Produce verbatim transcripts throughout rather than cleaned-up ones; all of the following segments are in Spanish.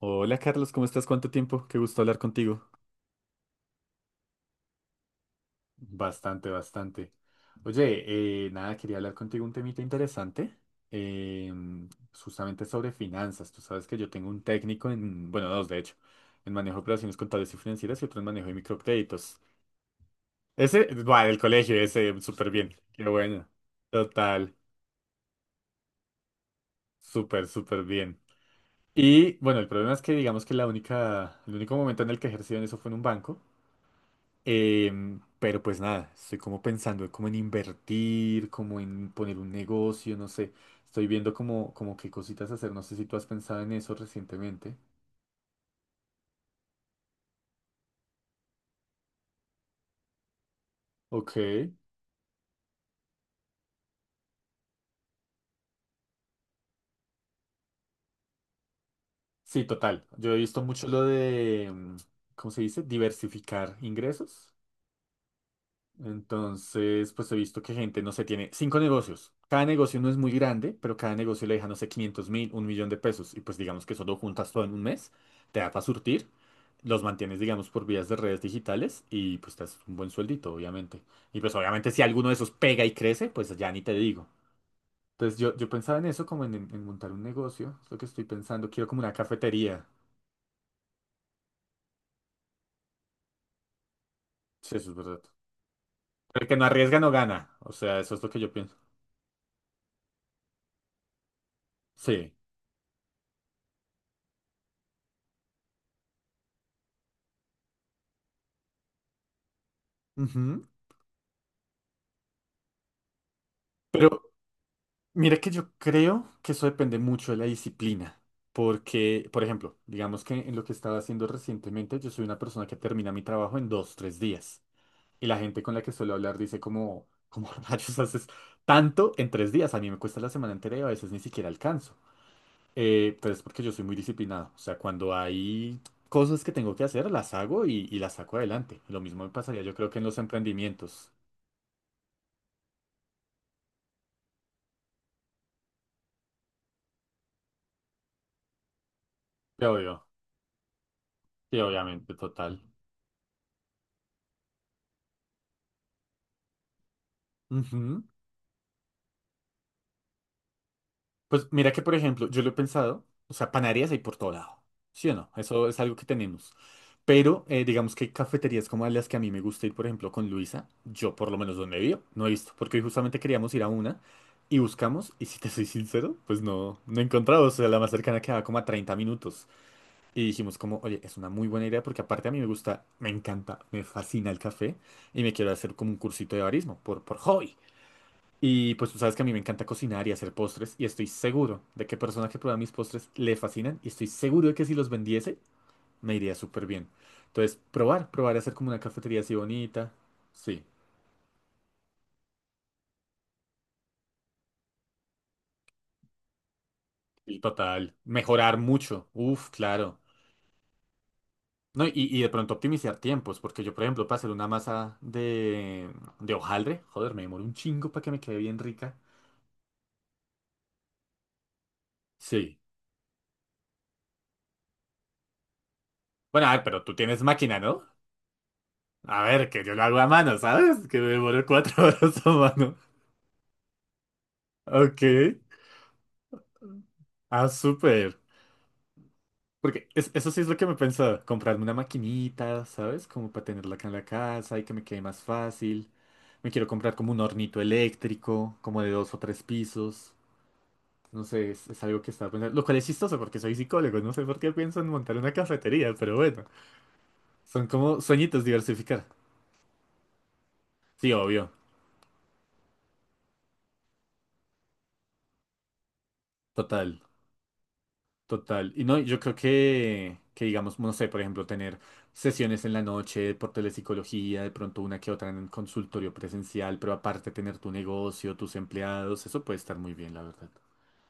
Hola Carlos, ¿cómo estás? ¿Cuánto tiempo? Qué gusto hablar contigo. Bastante, bastante. Oye, eh, nada, quería hablar contigo un temita interesante, em, justamente sobre finanzas. Tú sabes que yo tengo un técnico en, bueno, dos de hecho, en manejo de operaciones contables y financieras y otro en manejo de microcréditos. Ese, bueno, el colegio, ese, súper bien. Qué bueno. Total, súper, súper bien. Y bueno, el problema es que digamos que la única, el único momento en el que ejercí en eso fue en un banco. Em, pero pues nada, estoy como pensando como en invertir, como en poner un negocio, no sé. Estoy viendo como, como qué cositas hacer. No sé si tú has pensado en eso recientemente. Ok. Sí, total. Yo he visto mucho lo de, em, ¿cómo se dice? Diversificar ingresos. Entonces, pues he visto que gente, no sé, tiene cinco negocios. Cada negocio no es muy grande, pero cada negocio le deja, no sé, quinientos mil, un millón de pesos. Y pues digamos que solo juntas todo en un mes, te da para surtir. Los mantienes, digamos, por vías de redes digitales y pues te haces un buen sueldito, obviamente. Y pues obviamente si alguno de esos pega y crece, pues ya ni te digo. Entonces yo, yo pensaba en eso, como en, en montar un negocio, es lo que estoy pensando, quiero como una cafetería. Sí, eso es verdad. El que no arriesga no gana, o sea, eso es lo que yo pienso. Sí. Ujú. Pero mira que yo creo que eso depende mucho de la disciplina. Porque, por ejemplo, digamos que en lo que estaba haciendo recientemente, yo soy una persona que termina mi trabajo en dos, tres días. Y la gente con la que suelo hablar dice como, ¿cómo rayos haces tanto en tres días? A mí me cuesta la semana entera y a veces ni siquiera alcanzo. Eh, pero es porque yo soy muy disciplinado. O sea, cuando hay cosas que tengo que hacer, las hago y, y las saco adelante. Lo mismo me pasaría yo creo que en los emprendimientos. Te obvio. Sí, obviamente, total. Ujú. Pues mira que, por ejemplo, yo lo he pensado, o sea, panaderías hay por todo lado, ¿sí o no? Eso es algo que tenemos. Pero eh, digamos que cafeterías como las que a mí me gusta ir, por ejemplo, con Luisa, yo por lo menos donde vivo, no he visto, porque hoy justamente queríamos ir a una y buscamos, y si te soy sincero, pues no, no he encontrado, o sea, la más cercana quedaba como a treinta minutos. Y dijimos como, oye, es una muy buena idea porque aparte a mí me gusta, me encanta, me fascina el café y me quiero hacer como un cursito de barismo por, por hobby. Y pues tú sabes que a mí me encanta cocinar y hacer postres y estoy seguro de que personas que prueban mis postres le fascinan y estoy seguro de que si los vendiese me iría súper bien. Entonces, probar, probar y hacer como una cafetería así bonita. Sí, y total. Mejorar mucho. Uf, claro. No, y, y de pronto optimizar tiempos, porque yo, por ejemplo, para hacer una masa de, de hojaldre, joder, me demoro un chingo para que me quede bien rica. Sí. Bueno, a ver, pero tú tienes máquina, ¿no? A ver, que yo lo hago a mano, ¿sabes? Que me demoro cuatro horas a mano. Ok. Ah, súper. Porque es- eso sí es lo que me pensaba, comprarme una maquinita, ¿sabes? Como para tenerla acá en la casa y que me quede más fácil. Me quiero comprar como un hornito eléctrico, como de dos o tres pisos. No sé, es, es algo que estaba pensando. Lo cual es chistoso porque soy psicólogo, no sé por qué pienso en montar una cafetería, pero bueno, son como sueñitos diversificar. Sí, obvio, total. Total. Y no, yo creo que, que digamos, no sé, por ejemplo, tener sesiones en la noche por telepsicología, de pronto una que otra en un consultorio presencial, pero aparte tener tu negocio, tus empleados, eso puede estar muy bien, la verdad.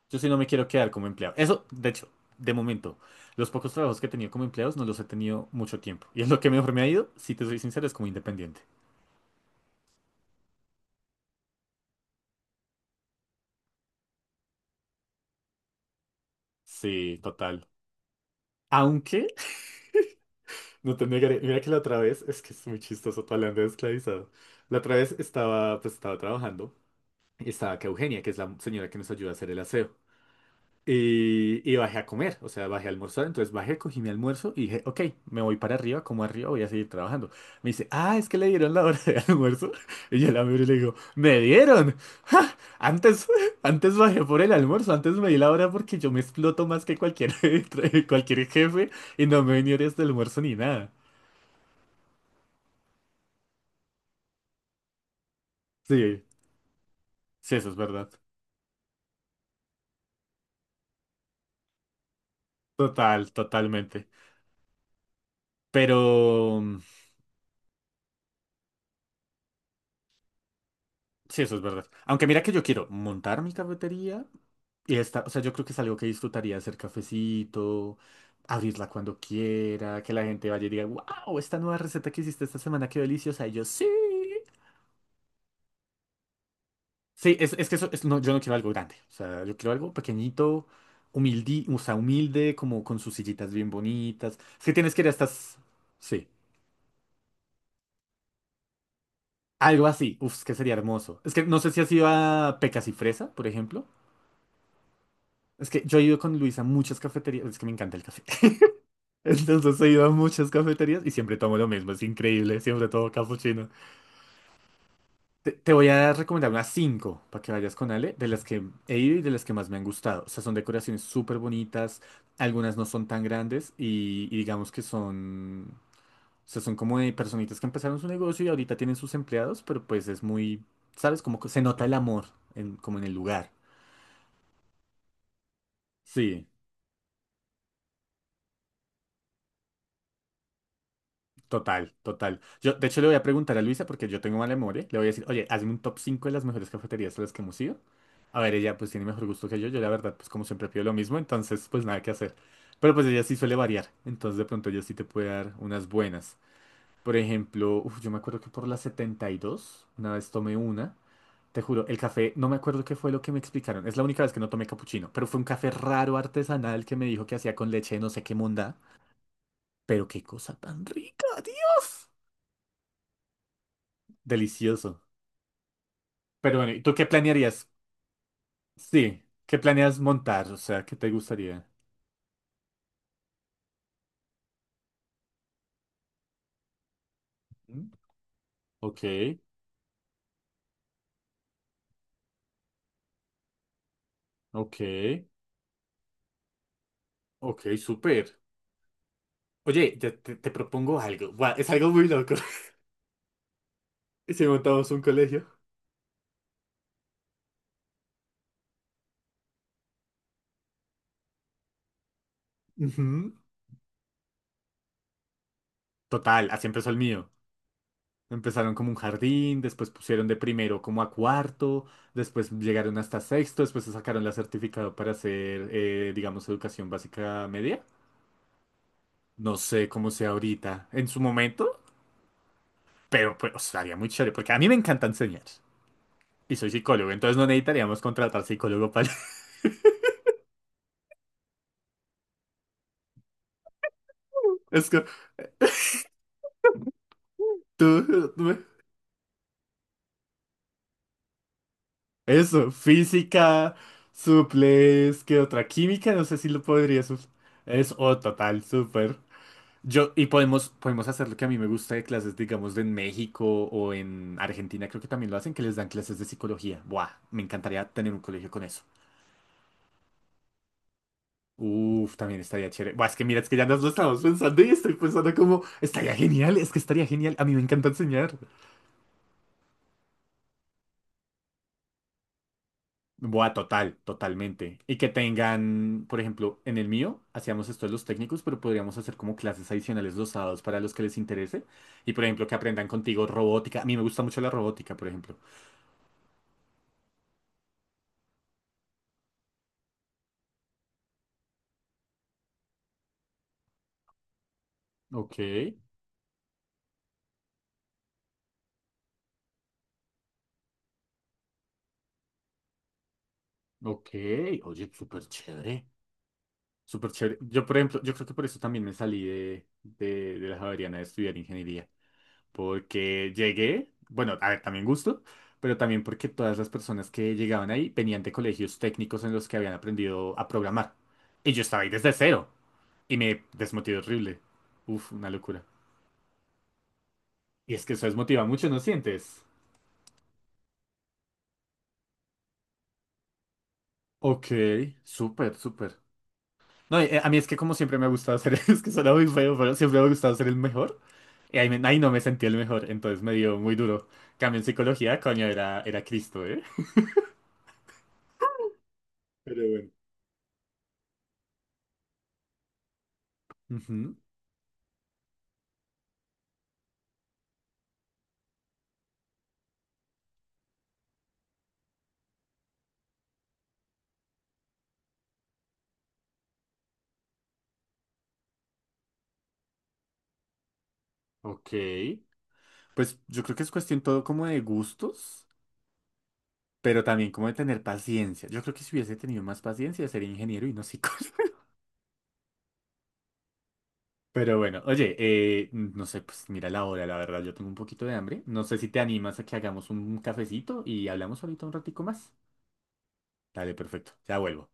Yo sí no me quiero quedar como empleado. Eso, de hecho, de momento, los pocos trabajos que he tenido como empleados no los he tenido mucho tiempo. Y es lo que mejor me ha ido, si te soy sincero, es como independiente. Sí, total. Aunque, no te negaré, mira que la otra vez, es que es muy chistoso tu hablando de esclavizado. La otra vez estaba, pues estaba trabajando. Estaba acá Eugenia, que es la señora que nos ayuda a hacer el aseo. Y, y bajé a comer, o sea, bajé a almorzar, entonces bajé, cogí mi almuerzo y dije, ok, me voy para arriba, como arriba voy a seguir trabajando. Me dice, ah, es que le dieron la hora de almuerzo. Y yo la miro y le digo, ¿me dieron? ¡Ja! Antes, antes bajé por el almuerzo, antes me di la hora porque yo me exploto más que cualquier, cualquier jefe y no me venía de almuerzo ni nada. Sí, sí, eso es verdad. Total, totalmente. Pero... Sí, eso es verdad. Aunque mira que yo quiero montar mi cafetería y esta, o sea, yo creo que es algo que disfrutaría hacer cafecito, abrirla cuando quiera, que la gente vaya y diga, wow, esta nueva receta que hiciste esta semana, qué deliciosa. Y yo, sí. Sí, es, es que eso, es- no, yo no quiero algo grande. O sea, yo quiero algo pequeñito, humilde, o sea, humilde, como con sus sillitas bien bonitas. Es que tienes que ir a estas. Sí. Algo así. Uf, es que sería hermoso. Es que no sé si has ido a Pecas y Fresa, por ejemplo. Es que yo he ido con Luis a muchas cafeterías, es que me encanta el café. Entonces he ido a muchas cafeterías y siempre tomo lo mismo, es increíble, siempre tomo cappuccino. Te, te voy a recomendar unas cinco para que vayas con Ale, de las que he ido y de las que más me han gustado. O sea, son decoraciones súper bonitas, algunas no son tan grandes y, y digamos que son, o sea, son como de personitas que empezaron su negocio y ahorita tienen sus empleados, pero pues es muy, ¿sabes? Como que se nota el amor en- como en el lugar. Sí. Total, total. Yo, de hecho, le voy a preguntar a Luisa, porque yo tengo mala memoria. Le voy a decir, oye, hazme un top cinco de las mejores cafeterías a las que hemos ido. A ver, ella pues tiene mejor gusto que yo. Yo, la verdad, pues como siempre pido lo mismo, entonces pues nada que hacer. Pero pues ella sí suele variar. Entonces, de pronto ella sí te puede dar unas buenas. Por ejemplo, uf, yo me acuerdo que por la setenta y dos una vez tomé una. Te juro, el café, no me acuerdo qué fue lo que me explicaron. Es la única vez que no tomé capuchino, pero fue un café raro artesanal que me dijo que hacía con leche de no sé qué monda. Pero qué cosa tan rica, Dios. Delicioso. Pero bueno, ¿y tú qué planearías? Sí, ¿qué planeas montar? O sea, ¿qué te gustaría? ¿Mm? Ok, ok, ok, súper. Oye, ya te, te propongo algo. Buah, es algo muy loco. Si montamos un colegio. Ujú. Total, así empezó el mío. Empezaron como un jardín, después pusieron de primero como a cuarto, después llegaron hasta sexto, después se sacaron la certificado para hacer, eh, digamos, educación básica media. No sé cómo sea ahorita. En su momento. Pero pues estaría muy chévere, porque a mí me encanta enseñar. Y soy psicólogo, entonces no necesitaríamos contratar psicólogo para... Es que tú... tú- Eso, física, suples, ¿qué otra? Química, no sé si lo podría... sus- Es, oh, total, súper. Yo, y podemos, podemos hacer lo que a mí me gusta de clases, digamos, de en México o en Argentina, creo que también lo hacen, que les dan clases de psicología. Buah, me encantaría tener un colegio con eso. Uf, también estaría chévere. Buah, es que mira, es que ya nos lo estamos pensando y estoy pensando como, estaría genial, es que estaría genial. A mí me encanta enseñar. Buah, total, totalmente. Y que tengan, por ejemplo, en el mío, hacíamos esto de los técnicos, pero podríamos hacer como clases adicionales los sábados para los que les interese. Y, por ejemplo, que aprendan contigo robótica. A mí me gusta mucho la robótica, por ejemplo. Ok, ok. Oye, súper chévere. Súper chévere. Yo, por ejemplo, yo creo que por eso también me salí de, de, de la Javeriana de estudiar ingeniería. Porque llegué, bueno, a ver, también gusto, pero también porque todas las personas que llegaban ahí venían de colegios técnicos en los que habían aprendido a programar. Y yo estaba ahí desde cero. Y me desmotivé horrible. Uf, una locura. Y es que eso desmotiva mucho, ¿no sientes? Ok, súper, súper. No, eh, a mí es que como siempre me ha gustado ser, es que suena muy feo, pero siempre me ha gustado ser el mejor. Y ahí, me- ahí no me sentí el mejor, entonces me dio muy duro. Cambio en psicología, coño, era, era Cristo, ¿eh? Pero bueno. Ujú, Ok. Pues yo creo que es cuestión todo como de gustos, pero también como de tener paciencia. Yo creo que si hubiese tenido más paciencia sería ingeniero y no psicólogo. Pero bueno, oye, eh, no sé, pues mira la hora, la verdad, yo tengo un poquito de hambre. No sé si te animas a que hagamos un cafecito y hablamos ahorita un ratico más. Dale, perfecto, ya vuelvo.